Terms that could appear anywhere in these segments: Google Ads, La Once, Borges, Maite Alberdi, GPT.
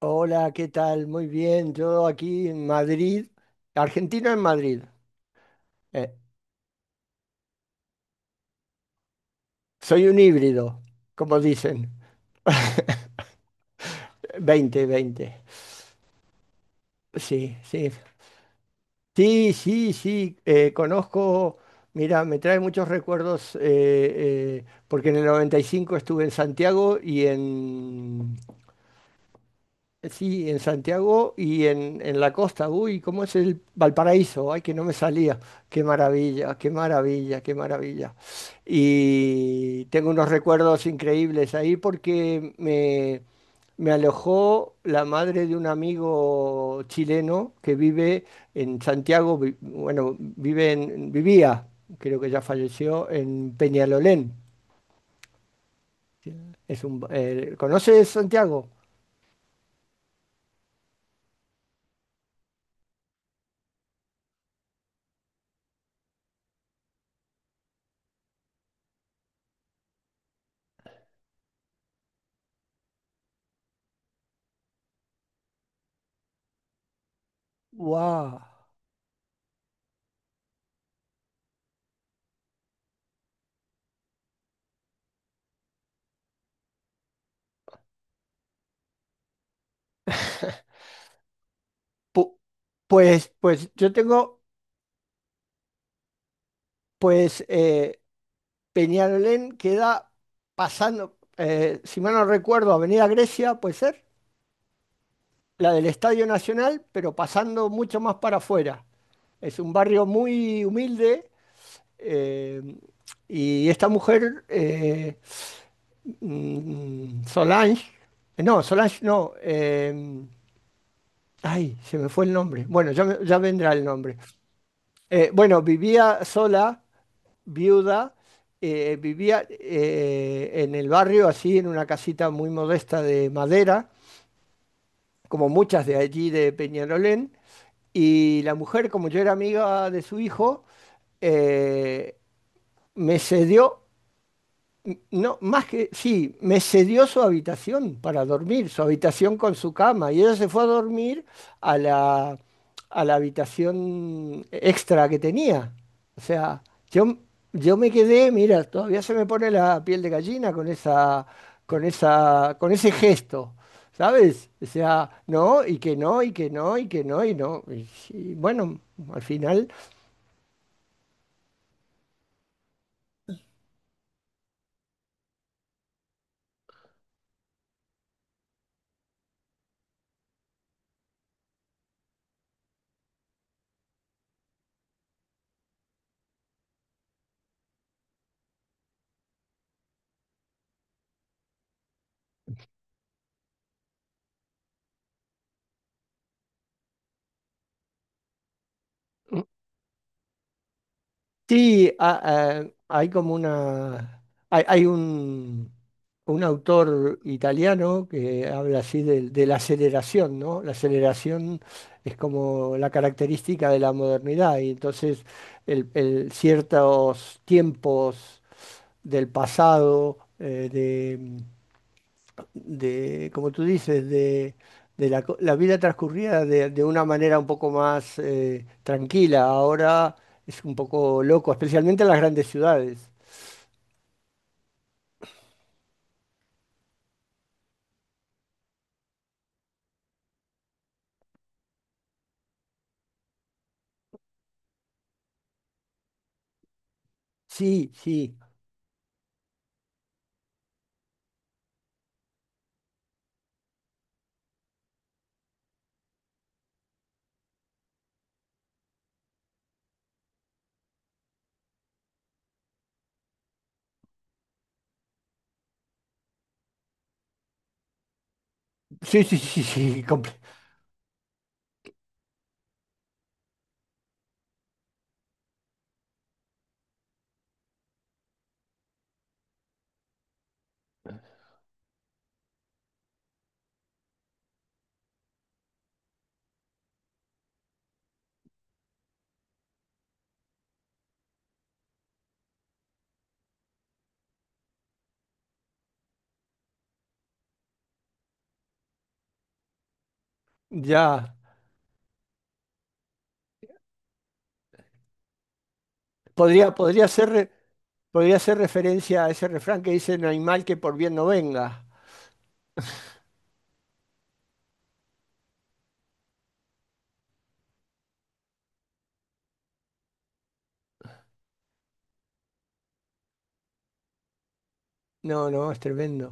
Hola, ¿qué tal? Muy bien, yo aquí en Madrid, argentino en Madrid. Eh, Soy un híbrido, como dicen. 20, 20. Sí, sí. Sí, sí, sí, conozco, mira, me trae muchos recuerdos porque en el 95 estuve en Santiago y, en Santiago y en la costa. Uy, ¿cómo es el Valparaíso? Ay, que no me salía. Qué maravilla, qué maravilla, qué maravilla. Y tengo unos recuerdos increíbles ahí me alojó la madre de un amigo chileno que vive en Santiago, bueno, vivía, creo que ya falleció, en Peñalolén. Es un, ¿conoces Santiago? ¡Wow! Pu- Pues, pues eh, Peñalolén queda pasando, si mal no recuerdo, Avenida Grecia, puede ser, la del Estadio Nacional, pero pasando mucho más para afuera. Es un barrio muy humilde, eh, y esta mujer, Solange, no, Solange no, ay, se me fue el nombre, bueno, ya, ya vendrá el nombre. Bueno, vivía sola, viuda, vivía en el barrio, así, en una casita muy modesta de madera, como muchas de allí de Peñarolén. Y la mujer, como yo era amiga de su hijo, eh, me cedió No, sí, me cedió su habitación para dormir, su habitación con su cama, y ella se fue a dormir a a la habitación extra que tenía. O sea, yo, yo me quedé, mira, todavía se me pone la piel de gallina con con ese gesto, ¿sabes? O sea, no, y que no, y que no, y que no, y no. Y bueno, al final. Sí, hay como una. Hay un autor italiano que habla así de la aceleración, ¿no? La aceleración es como la característica de la modernidad, y entonces ciertos tiempos del pasado, como tú dices, la vida transcurrida de una manera un poco más tranquila. Ahora es un poco loco, especialmente en las grandes ciudades. Sí, sí, sí, sí, sí, sí, ya. Podría ser, podría ser referencia a ese refrán que dice, no hay mal que por bien no venga. No, no, es tremendo.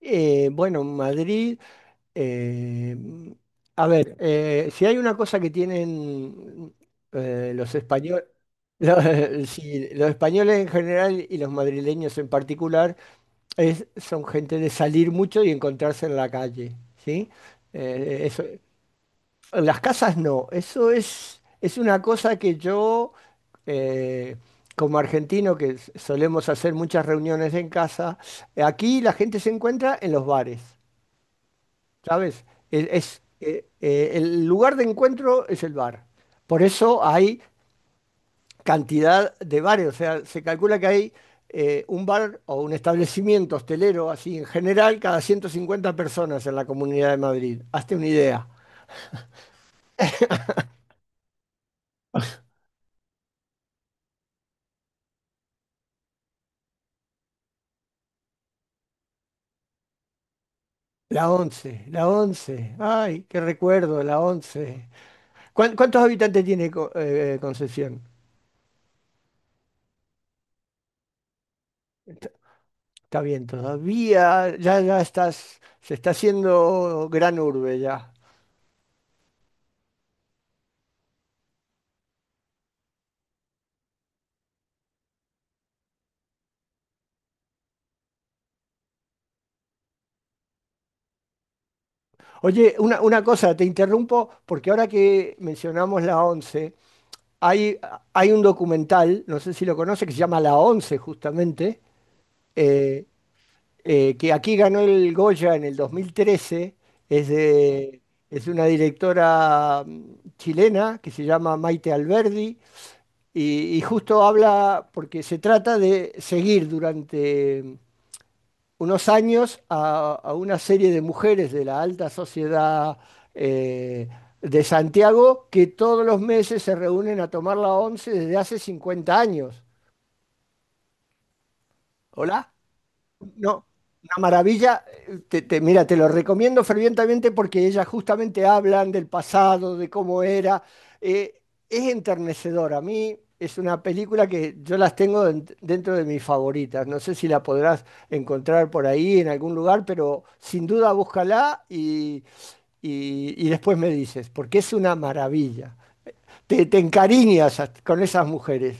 Bueno, Madrid. Eh, a ver, si hay una cosa que tienen los españoles, los españoles en general y los madrileños en particular, son gente de salir mucho y encontrarse en la calle, ¿sí? Eh, eso- en las casas no, es una cosa que yo, eh, como argentino, que solemos hacer muchas reuniones en casa, aquí la gente se encuentra en los bares. ¿Sabes? El lugar de encuentro es el bar. Por eso hay cantidad de bares. O sea, se calcula que hay un bar o un establecimiento hostelero, así en general, cada 150 personas en la Comunidad de Madrid. Hazte una idea. La once, la once. Ay, qué recuerdo, la once. ¿Cuántos habitantes tiene Concepción? Está Está bien, todavía ya, ya estás, se está haciendo gran urbe ya. Oye, una cosa, te interrumpo porque ahora que mencionamos la once, hay, hay un documental, no sé si lo conoce, que se llama La Once justamente, eh, que aquí ganó el Goya en el 2013, es de, es de una directora chilena que se llama Maite Alberdi y justo habla porque se trata de seguir durante unos años a una serie de mujeres de la alta sociedad eh, de Santiago que todos los meses se reúnen a tomar la once desde hace 50 años. ¿Hola? No, una maravilla. Mira, te lo recomiendo fervientemente porque ellas justamente hablan del pasado, de cómo era. Eh, es enternecedor. A mí es una película que yo las tengo dentro de mis favoritas. No sé si la podrás encontrar por ahí en algún lugar, pero sin duda búscala y después me dices, porque es una maravilla. Te encariñas con esas mujeres.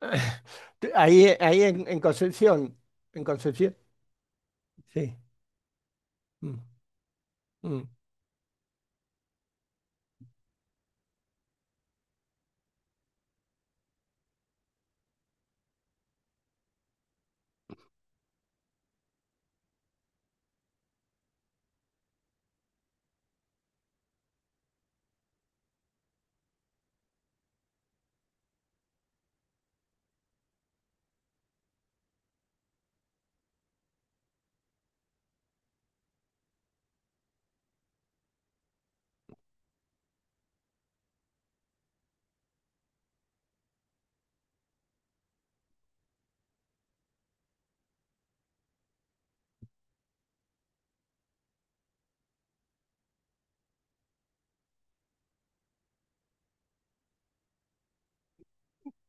En Concepción. En Concepción. Sí. Mm. Mm.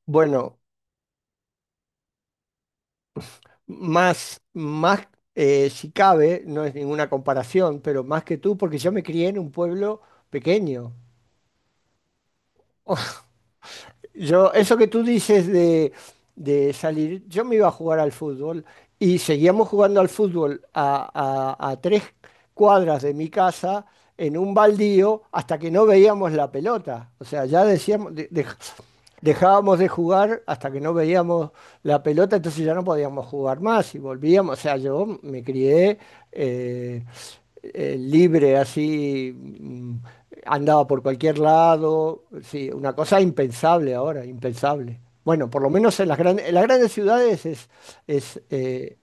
Bueno, más si cabe, no es ninguna comparación, pero más que tú, porque yo me crié en un pueblo pequeño. Yo, eso que tú dices de salir, yo me iba a jugar al fútbol y seguíamos jugando al fútbol a tres cuadras de mi casa en un baldío hasta que no veíamos la pelota. O sea, ya decíamos, dejábamos de jugar hasta que no veíamos la pelota, entonces ya no podíamos jugar más y volvíamos. O sea, yo me crié eh, libre, así, mm, andaba por cualquier lado. Sí, una cosa impensable ahora, impensable. Bueno, por lo menos en en las grandes ciudades es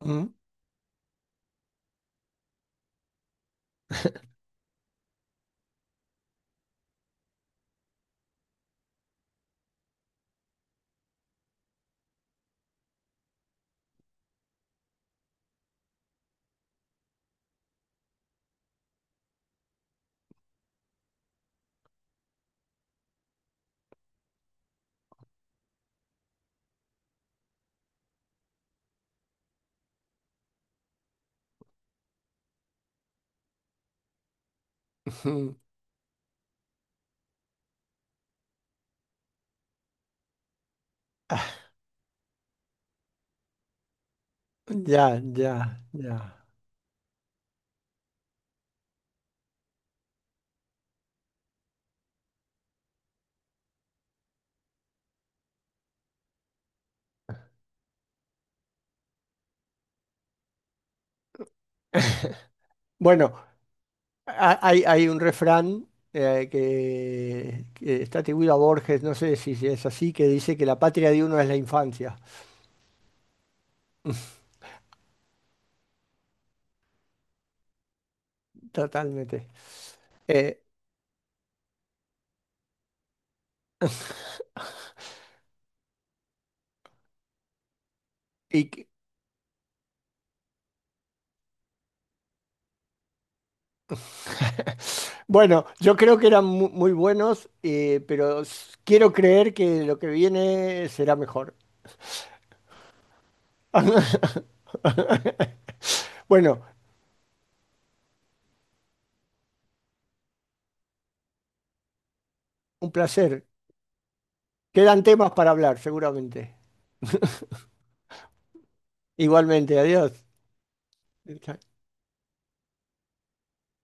mm, ujú. Ya, ya, ya. Bueno, hay un refrán que está atribuido a Borges, no sé si es así, que dice que la patria de uno es la infancia. Totalmente. Eh, y, Bueno, yo creo que eran muy buenos, pero quiero creer que lo que viene será mejor. Bueno, un placer. Quedan temas para hablar, seguramente. Igualmente, adiós.